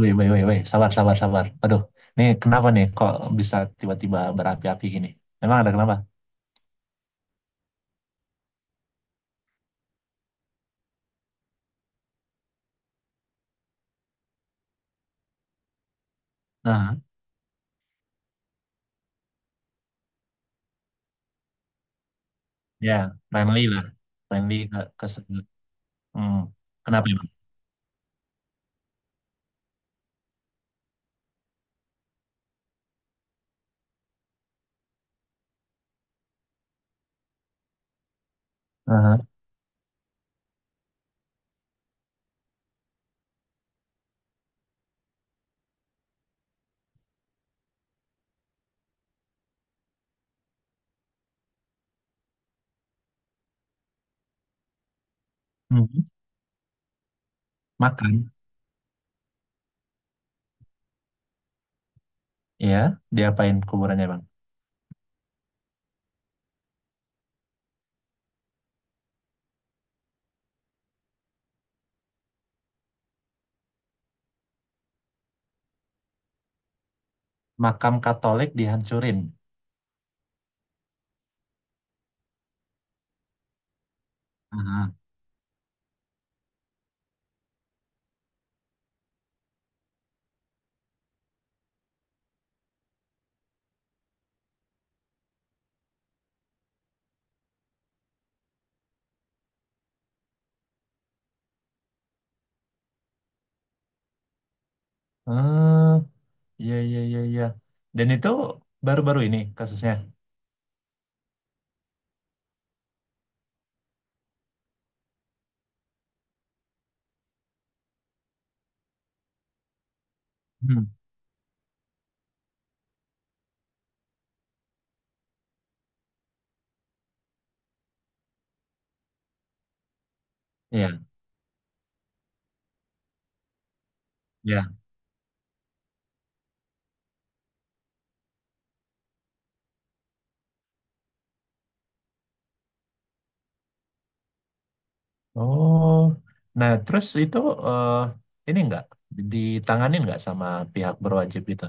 Wih, wih, wih, wih. Sabar, sabar, sabar. Aduh, ini kenapa nih kok bisa tiba-tiba berapi-api gini? Memang ada kenapa? Nah, ya, friendly lah. Friendly. Hmm. Kenapa ya, Bang? Aha. Hmm. Makan. Ya, diapain kuburannya, Bang? Makam Katolik dihancurin. Aha. Hmm, iya, iya, iya, iya. Dan itu baru-baru ini kasusnya. Hmm. Iya, iya. Oh, nah terus itu eh, ini nggak ditanganin nggak sama pihak berwajib itu?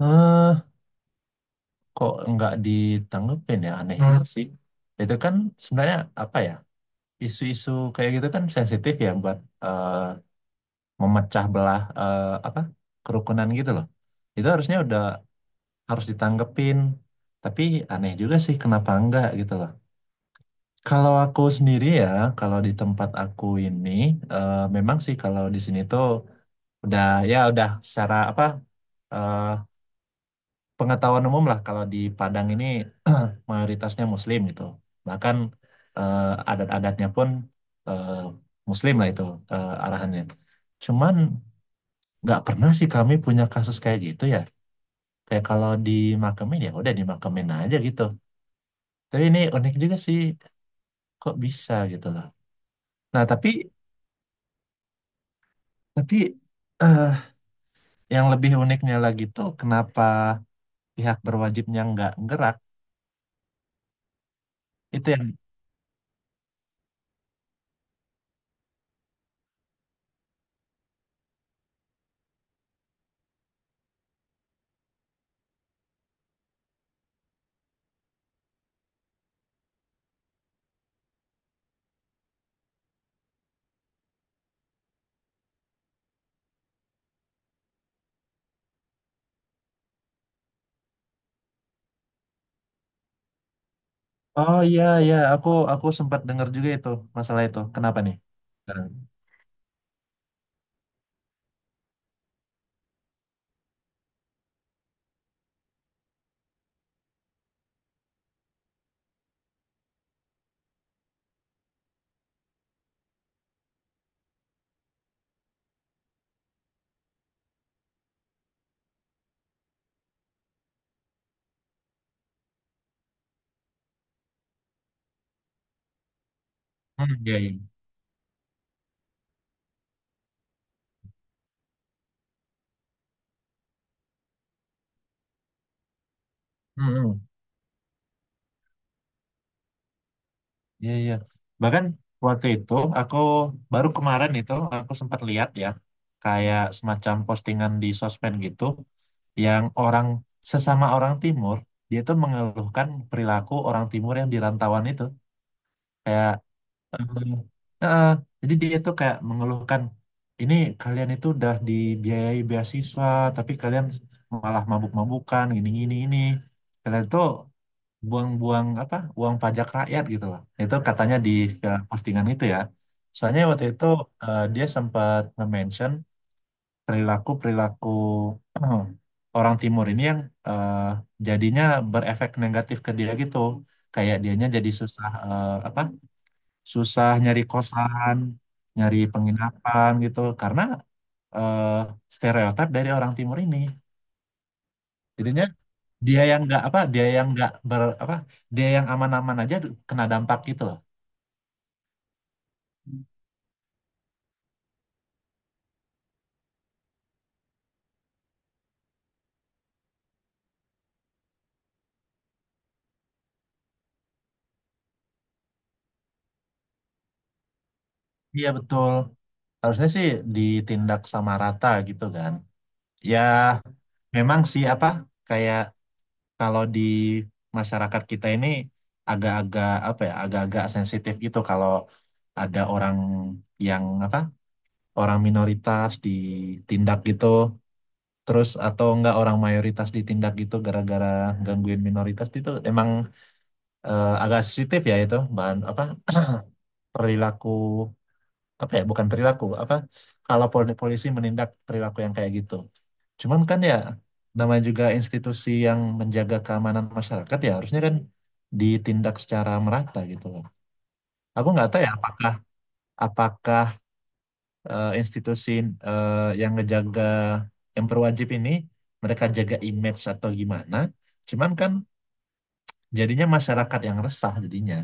Eh, kok nggak ditanggepin ya? Aneh juga sih. Itu kan sebenarnya apa ya? Isu-isu kayak gitu kan sensitif ya buat eh, memecah belah eh, apa kerukunan gitu loh. Itu harusnya udah harus ditanggepin. Tapi aneh juga sih kenapa enggak gitu loh. Kalau aku sendiri ya, kalau di tempat aku ini, memang sih kalau di sini tuh udah ya udah secara apa eh, pengetahuan umum lah kalau di Padang ini mayoritasnya Muslim gitu, bahkan adat-adatnya pun eh, Muslim lah itu arahannya. Cuman nggak pernah sih kami punya kasus kayak gitu ya, kayak kalau dimakamin ya udah dimakamin aja gitu. Tapi ini unik juga sih, kok bisa gitu loh. Nah, tapi eh, yang lebih uniknya lagi tuh kenapa pihak berwajibnya nggak gerak, itu yang. Oh iya, iya, aku sempat dengar juga itu masalah itu. Kenapa nih? Sekarang. Hmm, iya iya. Hmm, hmm. Iya iya. Bahkan waktu itu aku baru kemarin itu aku sempat lihat ya, kayak semacam postingan di sosmed gitu yang orang, sesama orang timur, dia tuh mengeluhkan perilaku orang timur yang di rantauan itu. Kayak. Eh, eh, jadi dia tuh kayak mengeluhkan ini, kalian itu udah dibiayai beasiswa tapi kalian malah mabuk-mabukan gini gini ini, kalian tuh buang-buang apa uang pajak rakyat gitu loh, itu katanya di postingan itu ya. Soalnya waktu itu dia sempat nge-mention perilaku-perilaku orang timur ini yang eh, jadinya berefek negatif ke dia gitu, kayak dianya jadi susah eh, apa, susah nyari kosan, nyari penginapan gitu karena eh, stereotip dari orang timur ini. Jadinya dia yang nggak apa, dia yang nggak ber apa, dia yang aman-aman aja kena dampak gitu loh. Iya betul. Harusnya sih ditindak sama rata gitu kan. Ya memang sih apa, kayak kalau di masyarakat kita ini agak-agak apa ya, agak-agak sensitif gitu kalau ada orang yang apa, orang minoritas ditindak gitu, terus atau enggak orang mayoritas ditindak gitu gara-gara gangguin minoritas, itu emang agak sensitif ya, itu bahan apa perilaku, apa ya, bukan perilaku, apa kalau polisi menindak perilaku yang kayak gitu, cuman kan ya namanya juga institusi yang menjaga keamanan masyarakat, ya harusnya kan ditindak secara merata gitu loh. Aku nggak tahu ya, apakah, apakah institusi eh, yang ngejaga, yang berwajib ini, mereka jaga image atau gimana, cuman kan jadinya masyarakat yang resah jadinya,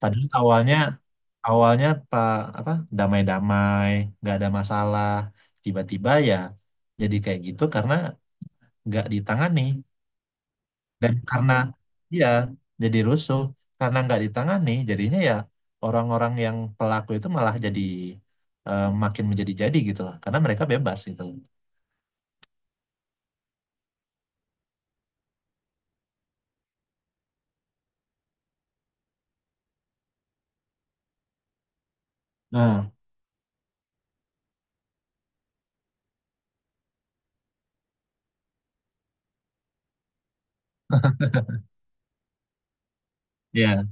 padahal awalnya, awalnya pak apa, damai-damai nggak ada masalah, tiba-tiba ya jadi kayak gitu karena nggak ditangani. Dan karena, iya, jadi rusuh karena nggak ditangani jadinya ya orang-orang yang pelaku itu malah jadi makin menjadi-jadi gitu loh karena mereka bebas gitu loh. Nah. Iya.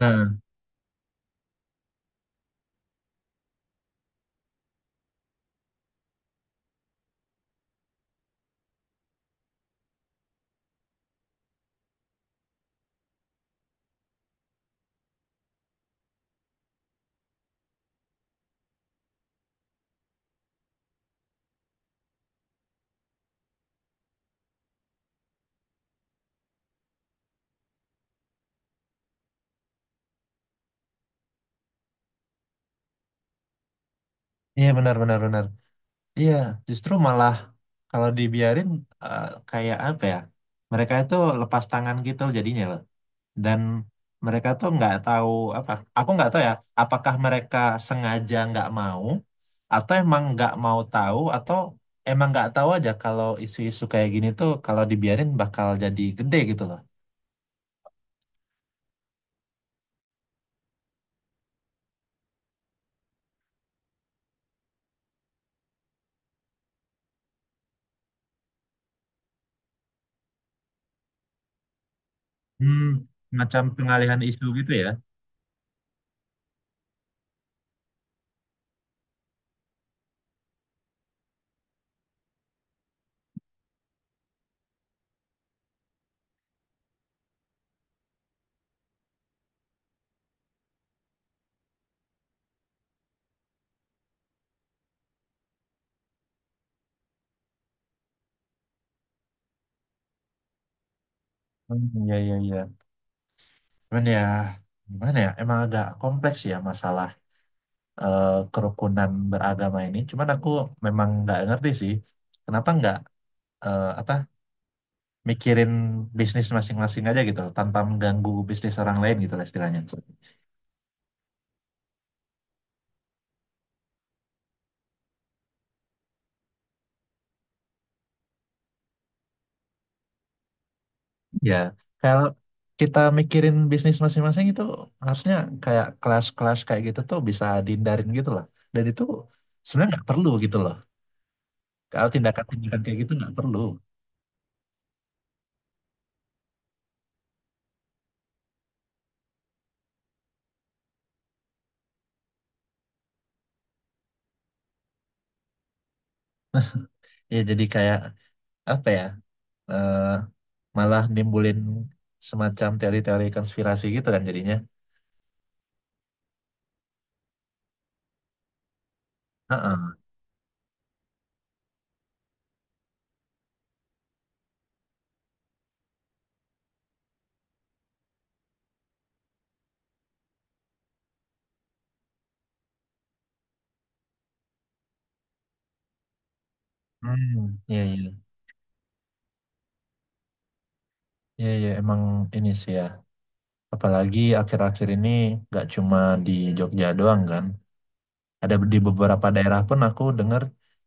Nah. Iya, benar benar benar. Iya, justru malah kalau dibiarin, eh, kayak apa ya? Mereka itu lepas tangan gitu jadinya loh. Dan mereka tuh nggak tahu apa. Aku nggak tahu ya. Apakah mereka sengaja nggak mau, atau emang nggak mau tahu, atau emang nggak tahu aja kalau isu-isu kayak gini tuh kalau dibiarin bakal jadi gede gitu loh. Hmm, macam pengalihan isu gitu ya. Hmm, iya iya iya. Cuman ya gimana ya? Emang agak kompleks ya masalah kerukunan beragama ini. Cuman aku memang nggak ngerti sih, kenapa nggak apa mikirin bisnis masing-masing aja gitu loh, tanpa mengganggu bisnis orang lain gitu lah istilahnya. Ya, kalau kita mikirin bisnis masing-masing itu harusnya kayak kelas-kelas kayak gitu tuh bisa dihindarin gitu lah. Dan itu sebenarnya nggak perlu gitu loh. Kalau tindakan-tindakan kayak gitu nggak perlu. Ya jadi kayak apa ya? eh, Malah nimbulin semacam teori-teori konspirasi gitu kan jadinya. Heeh. Hmm, iya iya. Iya iya, emang ini sih ya. Apalagi akhir-akhir ini nggak cuma di Jogja doang kan. Ada di beberapa daerah pun aku dengar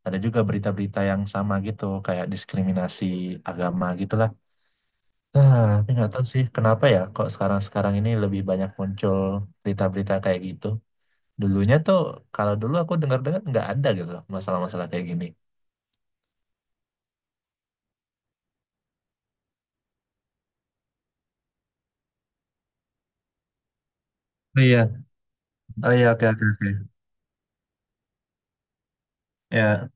ada juga berita-berita yang sama gitu, kayak diskriminasi agama gitulah. Nah, tapi nggak tahu sih kenapa ya kok sekarang-sekarang ini lebih banyak muncul berita-berita kayak gitu. Dulunya tuh, kalau dulu aku dengar-dengar nggak ada gitu loh masalah-masalah kayak gini. Oh iya, oh iya, oke, oke, oke. Ya,